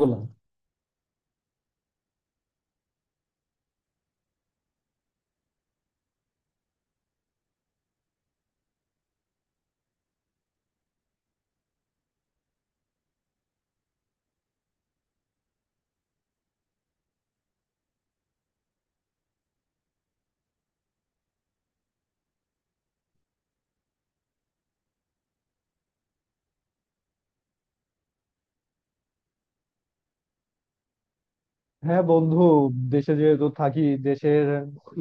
বললাম। হ্যাঁ বন্ধু, দেশে যেহেতু থাকি, দেশের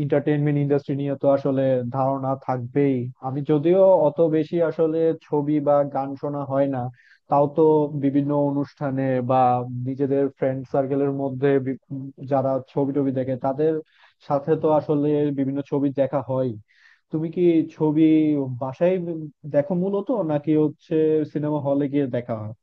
এন্টারটেইনমেন্ট ইন্ডাস্ট্রি নিয়ে তো আসলে ধারণা থাকবেই। আমি যদিও অত বেশি আসলে ছবি বা গান শোনা হয় না, তাও তো বিভিন্ন অনুষ্ঠানে বা নিজেদের ফ্রেন্ড সার্কেলের মধ্যে যারা ছবি টবি দেখে তাদের সাথে তো আসলে বিভিন্ন ছবি দেখা হয়। তুমি কি ছবি বাসায় দেখো মূলত, নাকি হচ্ছে সিনেমা হলে গিয়ে দেখা হয়?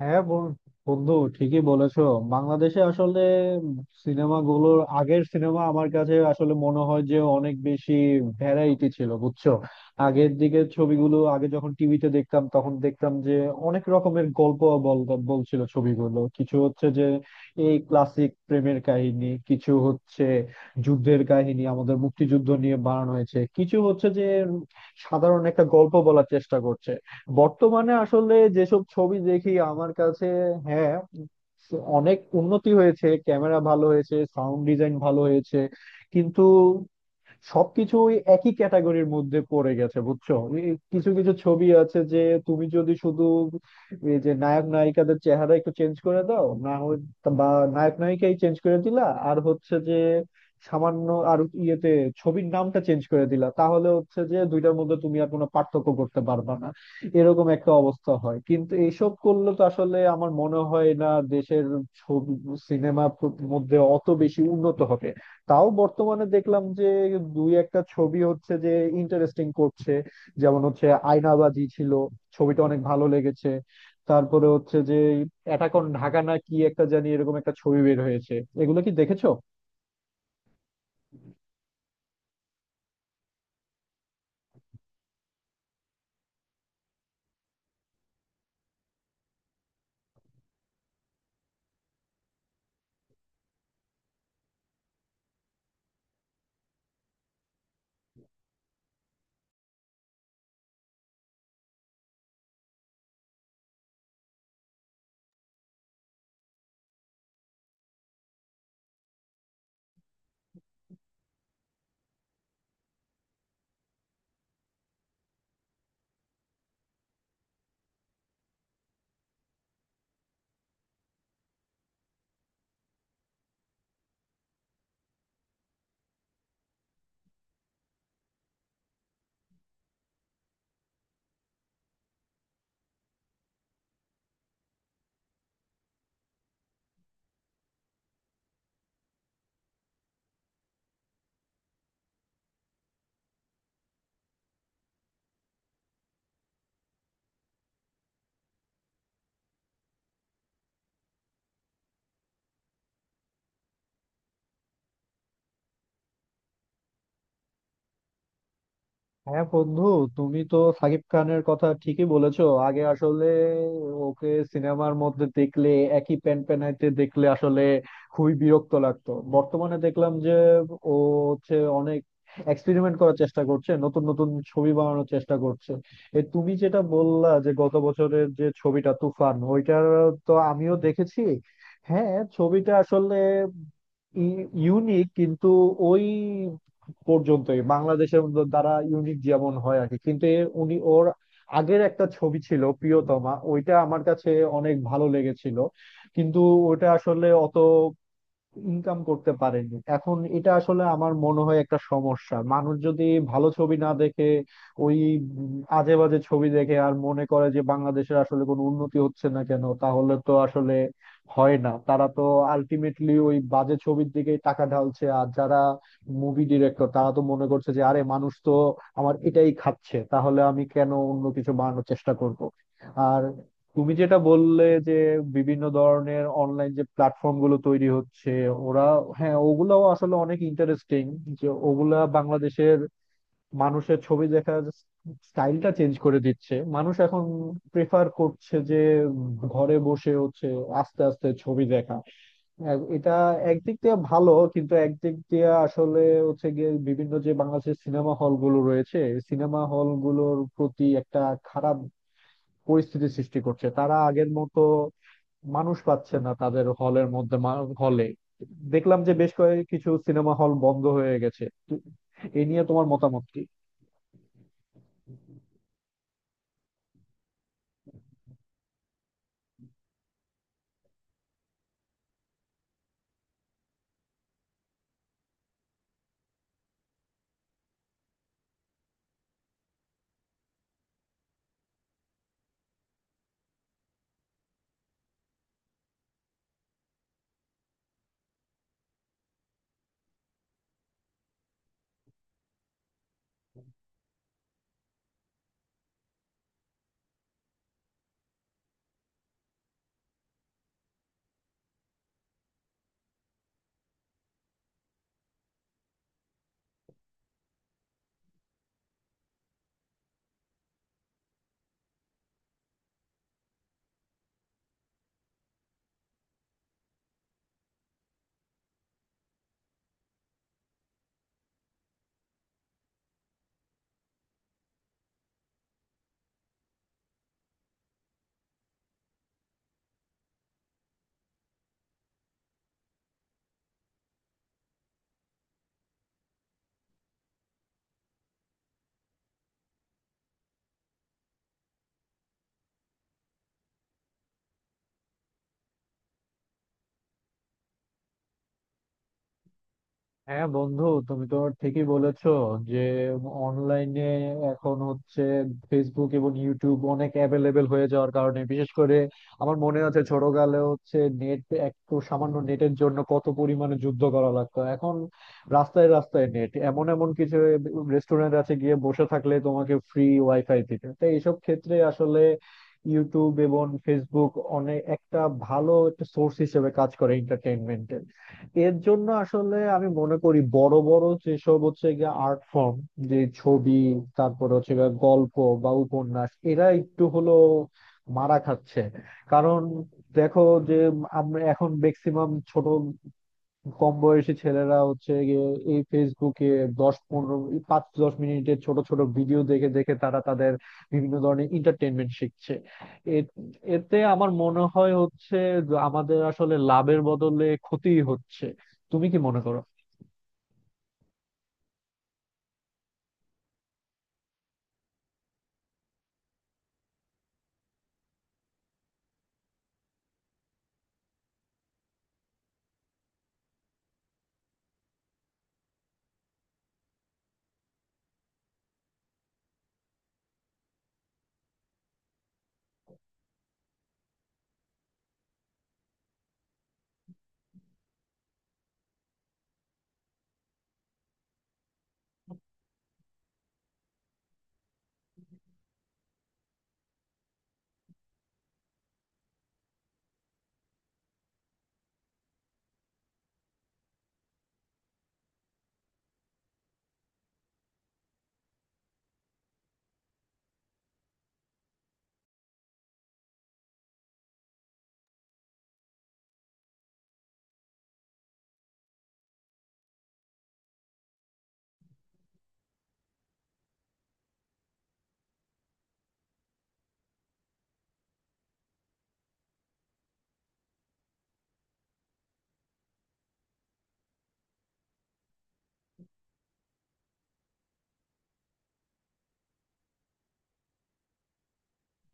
হ্যাঁ বন্ধু, ঠিকই বলেছো। বাংলাদেশে আসলে সিনেমাগুলোর, আগের সিনেমা আমার কাছে আসলে মনে হয় যে অনেক বেশি ভ্যারাইটি ছিল, বুঝছো। আগের দিকে ছবিগুলো, আগে যখন টিভিতে দেখতাম তখন দেখতাম যে অনেক রকমের গল্প বল বলছিল ছবিগুলো। কিছু হচ্ছে যে এই ক্লাসিক প্রেমের কাহিনী, কিছু হচ্ছে যুদ্ধের কাহিনী আমাদের মুক্তিযুদ্ধ নিয়ে বানানো হয়েছে, কিছু হচ্ছে যে সাধারণ একটা গল্প বলার চেষ্টা করছে। বর্তমানে আসলে যেসব ছবি দেখি আমার কাছে, হ্যাঁ, অনেক উন্নতি হয়েছে, ক্যামেরা ভালো হয়েছে, সাউন্ড ডিজাইন ভালো হয়েছে, কিন্তু সবকিছুই একই ক্যাটাগরির মধ্যে পড়ে গেছে, বুঝছো। এই কিছু কিছু ছবি আছে যে, তুমি যদি শুধু এই যে নায়ক নায়িকাদের চেহারা একটু চেঞ্জ করে দাও না হয়, বা নায়ক নায়িকাই চেঞ্জ করে দিলা, আর হচ্ছে যে সামান্য আর ইয়েতে ছবির নামটা চেঞ্জ করে দিলা, তাহলে হচ্ছে যে দুইটার মধ্যে তুমি আর কোনো পার্থক্য করতে পারবা না, এরকম একটা অবস্থা হয়। কিন্তু এইসব করলে তো আসলে আমার মনে হয় না দেশের ছবি সিনেমার মধ্যে অত বেশি উন্নত হবে। তাও বর্তমানে দেখলাম যে দুই একটা ছবি হচ্ছে যে ইন্টারেস্টিং করছে, যেমন হচ্ছে আয়নাবাজি ছিল, ছবিটা অনেক ভালো লেগেছে। তারপরে হচ্ছে যে অ্যাটাক অন ঢাকা না কি একটা জানি, এরকম একটা ছবি বের হয়েছে। এগুলো কি দেখেছো? হ্যাঁ বন্ধু, তুমি তো সাকিব খানের কথা ঠিকই বলেছো। আগে আসলে ওকে সিনেমার মধ্যে দেখলে, একই প্যান প্যানাইতে দেখলে আসলে খুবই বিরক্ত লাগতো। বর্তমানে দেখলাম যে ও হচ্ছে অনেক এক্সপেরিমেন্ট করার চেষ্টা করছে, নতুন নতুন ছবি বানানোর চেষ্টা করছে। এ, তুমি যেটা বললা যে গত বছরের যে ছবিটা তুফান ওইটার, তো আমিও দেখেছি। হ্যাঁ, ছবিটা আসলে ইউনিক, কিন্তু ওই পর্যন্তই। বাংলাদেশের মধ্যে তারা ইউনিক যেমন হয় আর কি, কিন্তু এর উনি, ওর আগের একটা ছবি ছিল প্রিয়তমা, ওইটা আমার কাছে অনেক ভালো লেগেছিল। কিন্তু ওটা আসলে অত ইনকাম করতে পারেনি। এখন এটা আসলে আমার মনে হয় একটা সমস্যা। মানুষ যদি ভালো ছবি না দেখে, ওই আজে বাজে ছবি দেখে আর মনে করে যে বাংলাদেশের আসলে কোনো উন্নতি হচ্ছে না কেন, তাহলে তো আসলে হয় না। তারা তো আলটিমেটলি ওই বাজে ছবির দিকেই টাকা ঢালছে, আর যারা মুভি ডিরেক্টর তারা তো মনে করছে যে আরে মানুষ তো আমার এটাই খাচ্ছে, তাহলে আমি কেন অন্য কিছু বানানোর চেষ্টা করব। আর তুমি যেটা বললে যে বিভিন্ন ধরনের অনলাইন যে প্ল্যাটফর্ম গুলো তৈরি হচ্ছে ওরা, হ্যাঁ ওগুলাও আসলে অনেক ইন্টারেস্টিং। যে ওগুলা বাংলাদেশের মানুষের ছবি দেখার স্টাইলটা চেঞ্জ করে দিচ্ছে। মানুষ এখন প্রেফার করছে যে ঘরে বসে হচ্ছে আস্তে আস্তে ছবি দেখা। এটা একদিক দিয়ে ভালো, কিন্তু একদিক দিয়ে আসলে হচ্ছে গিয়ে বিভিন্ন যে বাংলাদেশের সিনেমা হল গুলো রয়েছে, সিনেমা হল গুলোর প্রতি একটা খারাপ পরিস্থিতি সৃষ্টি করছে। তারা আগের মতো মানুষ পাচ্ছে না তাদের হলের মধ্যে। হলে দেখলাম যে বেশ কয়েক কিছু সিনেমা হল বন্ধ হয়ে গেছে, তো এ নিয়ে তোমার মতামত কি? হ্যাঁ বন্ধু, তুমি তো ঠিকই বলেছো যে অনলাইনে এখন হচ্ছে ফেসবুক এবং ইউটিউব অনেক অ্যাভেলেবেল হয়ে যাওয়ার কারণে, বিশেষ করে আমার মনে আছে ছোটকালে হচ্ছে নেট, একটু সামান্য নেটের জন্য কত পরিমাণে যুদ্ধ করা লাগতো। এখন রাস্তায় রাস্তায় নেট, এমন এমন কিছু রেস্টুরেন্ট আছে গিয়ে বসে থাকলে তোমাকে ফ্রি ওয়াইফাই দিতে। তো এইসব ক্ষেত্রে আসলে ইউটিউব এবং ফেসবুক অনেক একটা ভালো একটা সোর্স হিসেবে কাজ করে এন্টারটেইনমেন্টের। এর জন্য আসলে আমি মনে করি বড় বড় যেসব হচ্ছে গিয়ে আর্ট ফর্ম, যে ছবি, তারপর হচ্ছে গিয়ে গল্প বা উপন্যাস, এরা একটু হলো মারা খাচ্ছে। কারণ দেখো যে, আমরা এখন ম্যাক্সিমাম ছোট কম বয়সী ছেলেরা হচ্ছে গিয়ে এই ফেসবুকে 10 15, 5 10 মিনিটের ছোট ছোট ভিডিও দেখে দেখে তারা তাদের বিভিন্ন ধরনের এন্টারটেনমেন্ট শিখছে। এ- এতে আমার মনে হয় হচ্ছে যে আমাদের আসলে লাভের বদলে ক্ষতিই হচ্ছে। তুমি কি মনে করো?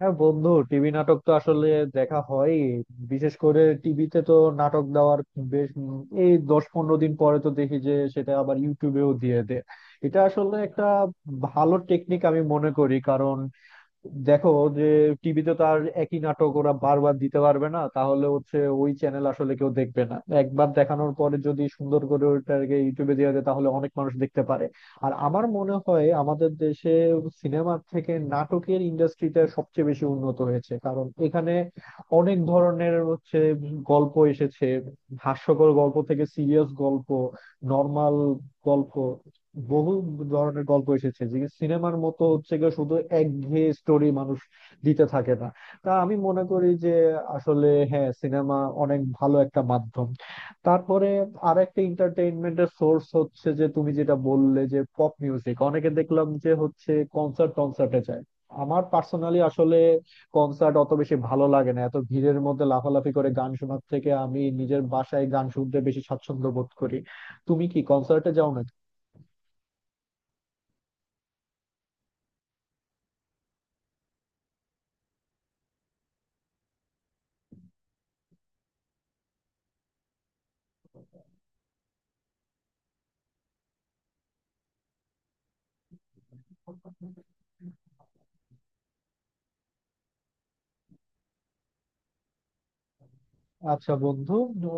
হ্যাঁ বন্ধু, টিভি নাটক তো আসলে দেখা হয়। বিশেষ করে টিভিতে তো নাটক দেওয়ার বেশ এই 10 15 দিন পরে তো দেখি যে সেটা আবার ইউটিউবেও দিয়ে দেয়। এটা আসলে একটা ভালো টেকনিক আমি মনে করি, কারণ দেখো যে টিভিতে তো আর একই নাটক ওরা বারবার দিতে পারবে না, তাহলে হচ্ছে ওই চ্যানেল আসলে কেউ দেখবে না। একবার দেখানোর পরে যদি সুন্দর করে ওইটাকে ইউটিউবে দেওয়া যায় তাহলে অনেক মানুষ দেখতে পারে। আর আমার মনে হয় আমাদের দেশে সিনেমার থেকে নাটকের ইন্ডাস্ট্রিটা সবচেয়ে বেশি উন্নত হয়েছে, কারণ এখানে অনেক ধরনের হচ্ছে গল্প এসেছে। হাস্যকর গল্প থেকে সিরিয়াস গল্প, নর্মাল গল্প, বহু ধরনের গল্প এসেছে। যে সিনেমার মতো হচ্ছে গিয়ে শুধু একঘেয়ে স্টোরি মানুষ দিতে থাকে না। তা আমি মনে করি যে আসলে, হ্যাঁ, সিনেমা অনেক ভালো একটা মাধ্যম। তারপরে আর একটা এন্টারটেইনমেন্টের সোর্স হচ্ছে যে, তুমি যেটা বললে যে পপ মিউজিক, অনেকে দেখলাম যে হচ্ছে কনসার্ট, কনসার্টে যায়। আমার পার্সোনালি আসলে কনসার্ট অত বেশি ভালো লাগে না। এত ভিড়ের মধ্যে লাফালাফি করে গান শোনার থেকে আমি নিজের বাসায় গান শুনতে বেশি স্বাচ্ছন্দ্য বোধ করি। তুমি কি কনসার্টে যাও নাকি? আচ্ছা বন্ধু,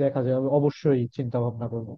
দেখা যাবে, অবশ্যই চিন্তা ভাবনা করবো।